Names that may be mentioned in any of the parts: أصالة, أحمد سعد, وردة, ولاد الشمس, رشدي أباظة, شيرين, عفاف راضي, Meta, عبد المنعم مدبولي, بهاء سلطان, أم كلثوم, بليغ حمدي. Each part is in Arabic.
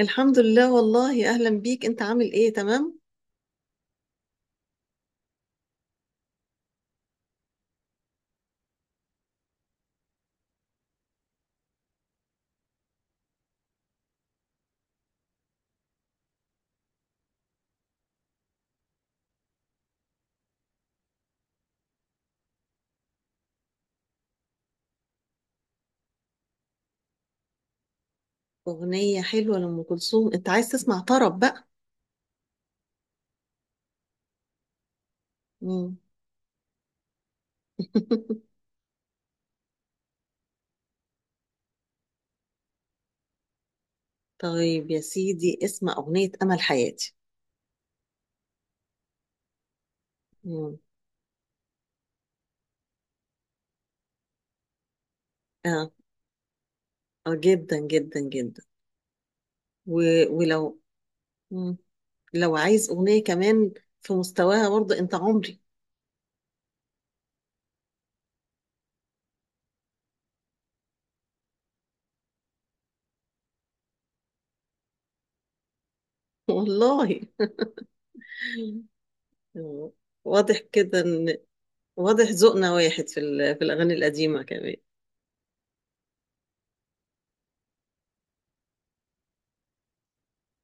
الحمد لله، والله اهلا بيك. انت عامل ايه؟ تمام. اغنيه حلوه لام كلثوم، انت عايز تسمع طرب بقى؟ مم. طيب يا سيدي اسمع اغنيه امل حياتي. مم. اه. اه جدا جدا جدا. و... ولو مم. لو عايز اغنيه كمان في مستواها برضه، انت عمري. والله. آه، واضح كده ان، واضح ذوقنا واحد في الاغاني القديمه كمان.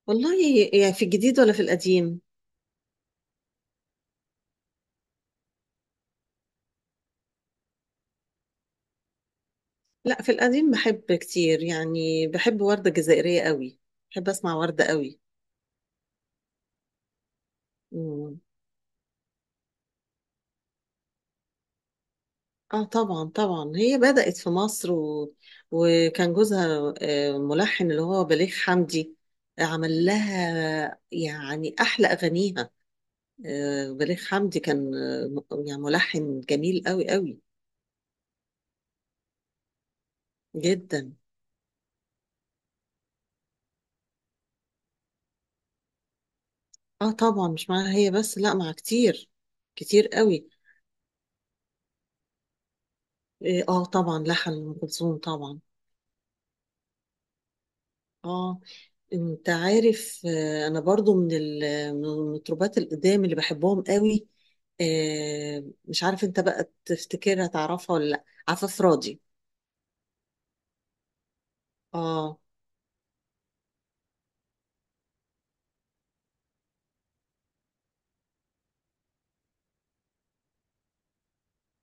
والله، يعني في الجديد ولا في القديم؟ لا، في القديم بحب كتير، يعني بحب وردة جزائرية قوي، بحب أسمع وردة قوي. مم. اه طبعا طبعا، هي بدأت في مصر وكان جوزها ملحن، اللي هو بليغ حمدي، عمل لها يعني أحلى أغانيها. بليغ حمدي كان يعني ملحن جميل قوي قوي، جدا. اه طبعا، مش معاها هي بس، لا مع كتير، كتير قوي. اه، طبعا لحن أم كلثوم طبعا. اه، انت عارف، انا برضو من من المطربات القدام اللي بحبهم قوي. مش عارف انت بقى تفتكرها، تعرفها ولا لا؟ عفاف راضي. اه.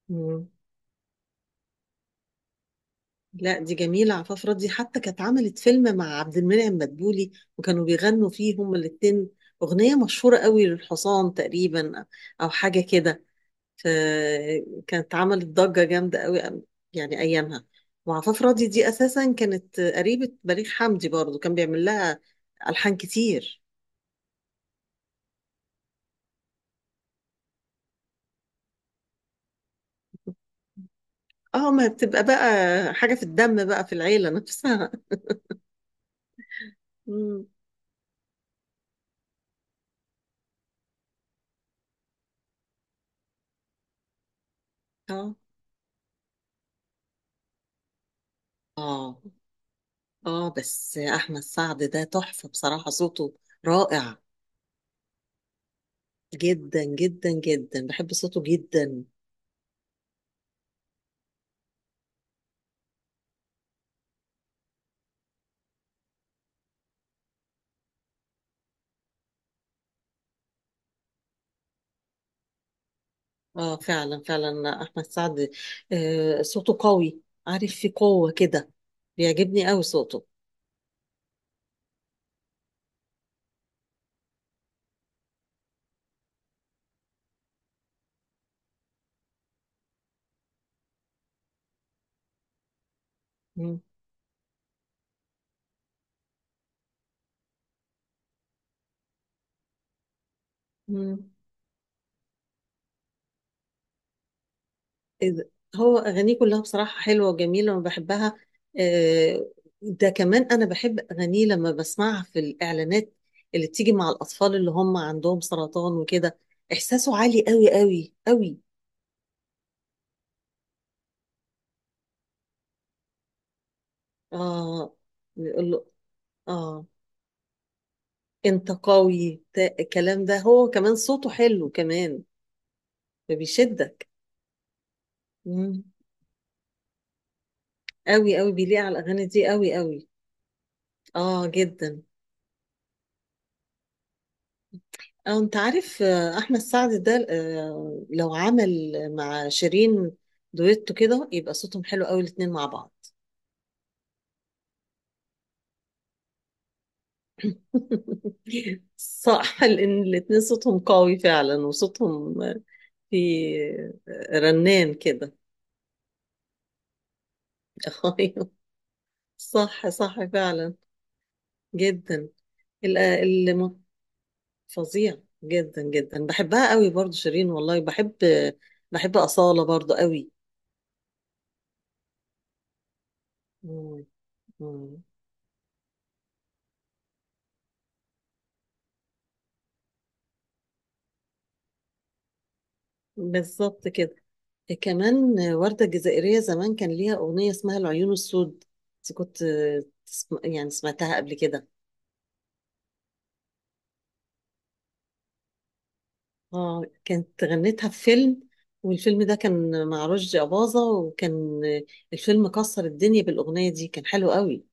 مم. لا دي جميلة عفاف راضي، حتى كانت عملت فيلم مع عبد المنعم مدبولي، وكانوا بيغنوا فيه هما الاتنين أغنية مشهورة قوي للحصان تقريبا، أو حاجة كده. آه، كانت عملت ضجة جامدة قوي يعني أيامها. وعفاف راضي دي أساسا كانت قريبة بليغ حمدي، برضو كان بيعمل لها ألحان كتير. اه ما بتبقى بقى حاجة في الدم بقى، في العيلة نفسها. مم. اه اه اه، بس أحمد سعد ده تحفة بصراحة، صوته رائع. جدا جدا جدا بحب صوته جدا. اه فعلا فعلا، أحمد سعد آه صوته قوي، عارف في قوة كده، بيعجبني قوي صوته. مم. مم. إذ- هو أغانيه كلها بصراحة حلوة وجميلة وبحبها. آه، ده كمان أنا بحب أغانيه لما بسمعها في الإعلانات اللي بتيجي مع الأطفال اللي هم عندهم سرطان وكده، إحساسه عالي قوي قوي قوي. آه، بيقول له آه، أنت قوي الكلام ده، هو كمان صوته حلو كمان، فبيشدك. مم. قوي قوي بيليق على الأغاني دي قوي قوي. آه جدا. أو أنت عارف، أحمد سعد ده، لو عمل مع شيرين دويتو كده، يبقى صوتهم حلو قوي الاتنين مع بعض. صح، لأن الاتنين صوتهم قوي فعلا، وصوتهم في رنان كده. أيوه، صح صح فعلا. جدا. ال- الم- فظيع، جدا جدا، بحبها قوي برضو شيرين، والله بحب، بحب أصالة برضو قوي. مم. مم. بالظبط كده. كمان وردة الجزائرية زمان كان ليها أغنية اسمها العيون السود، بس كنت يعني سمعتها قبل كده؟ اه كانت غنتها في فيلم، والفيلم ده كان مع رشدي أباظة، وكان الفيلم كسر الدنيا بالأغنية دي، كان حلو قوي.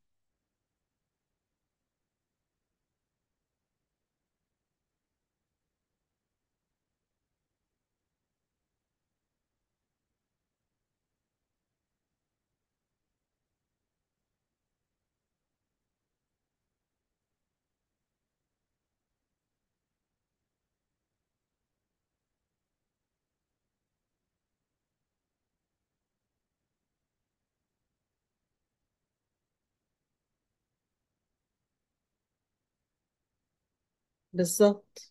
بالظبط.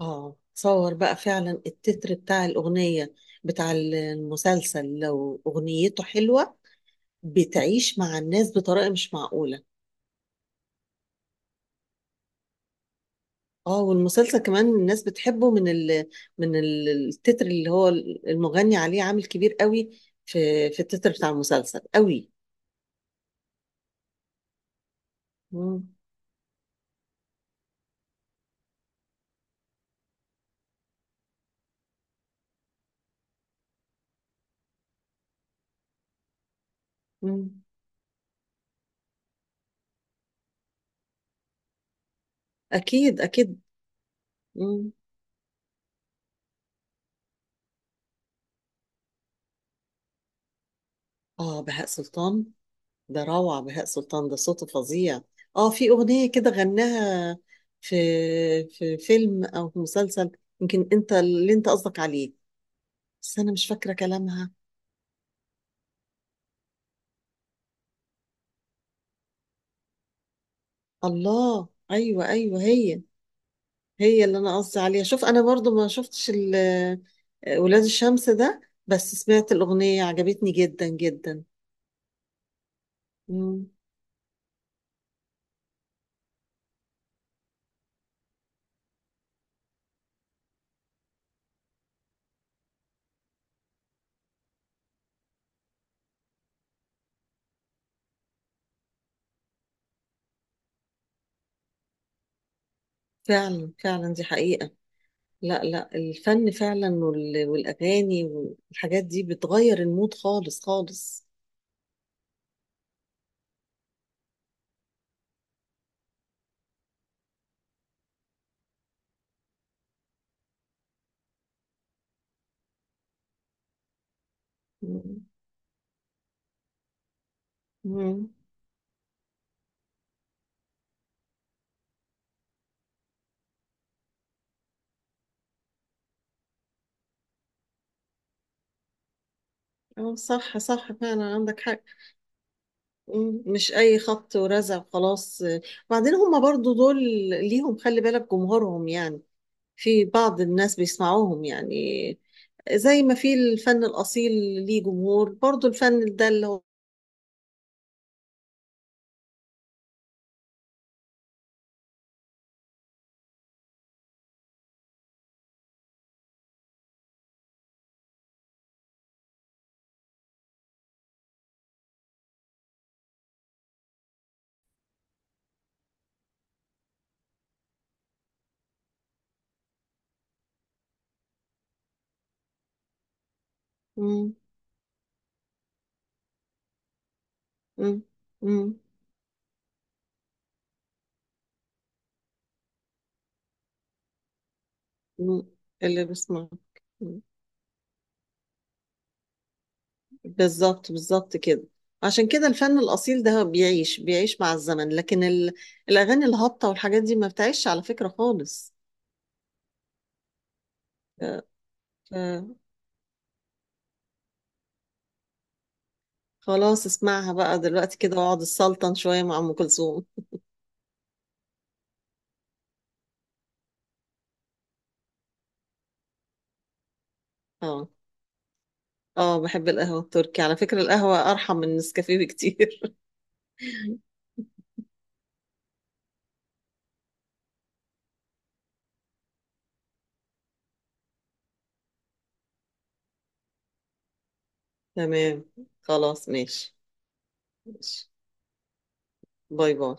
اه تصور بقى فعلا، التتر بتاع الأغنية، بتاع المسلسل، لو أغنيته حلوة بتعيش مع الناس بطريقة مش معقولة. اه والمسلسل كمان الناس بتحبه من التتر، اللي هو المغني عليه، عامل كبير قوي في في التتر بتاع المسلسل قوي. مم. مم. اكيد اكيد. مم. اه بهاء سلطان، ده روعة بهاء سلطان ده، صوته فظيع. اه في اغنية كده غناها في، في فيلم او في مسلسل، يمكن انت اللي انت قصدك عليه، بس انا مش فاكرة كلامها. الله ايوه ايوه، هي. هي اللي انا قصدي عليها. شوف انا برضو ما شفتش ولاد الشمس ده، بس سمعت الاغنيه عجبتني جدا جدا. مم. فعلا فعلا، دي حقيقه. لا لا، الفن فعلا والاغاني والحاجات دي بتغير المود خالص خالص. مم. مم. اه صح صح فعلا، عندك حق. مش اي خبط ورزع خلاص. وبعدين هما برضو دول ليهم، خلي بالك، جمهورهم يعني. في بعض الناس بيسمعوهم يعني، زي ما في الفن الأصيل ليه جمهور، برضو الفن ده اللي هو. مم. مم. مم. مم. اللي بسمعه. مم. بالظبط بالظبط كده، عشان كده الفن الأصيل ده بيعيش، بيعيش مع الزمن، لكن ال... الأغاني الهابطة والحاجات دي ما بتعيش على فكرة خالص. ف... ف- خلاص اسمعها بقى دلوقتي كده، واقعد السلطن شوية مع أم كلثوم. اه. اه بحب القهوة التركي، على فكرة القهوة أرحم من النسكافيه بكتير. تمام، خلاص ماشي. ماشي، باي باي.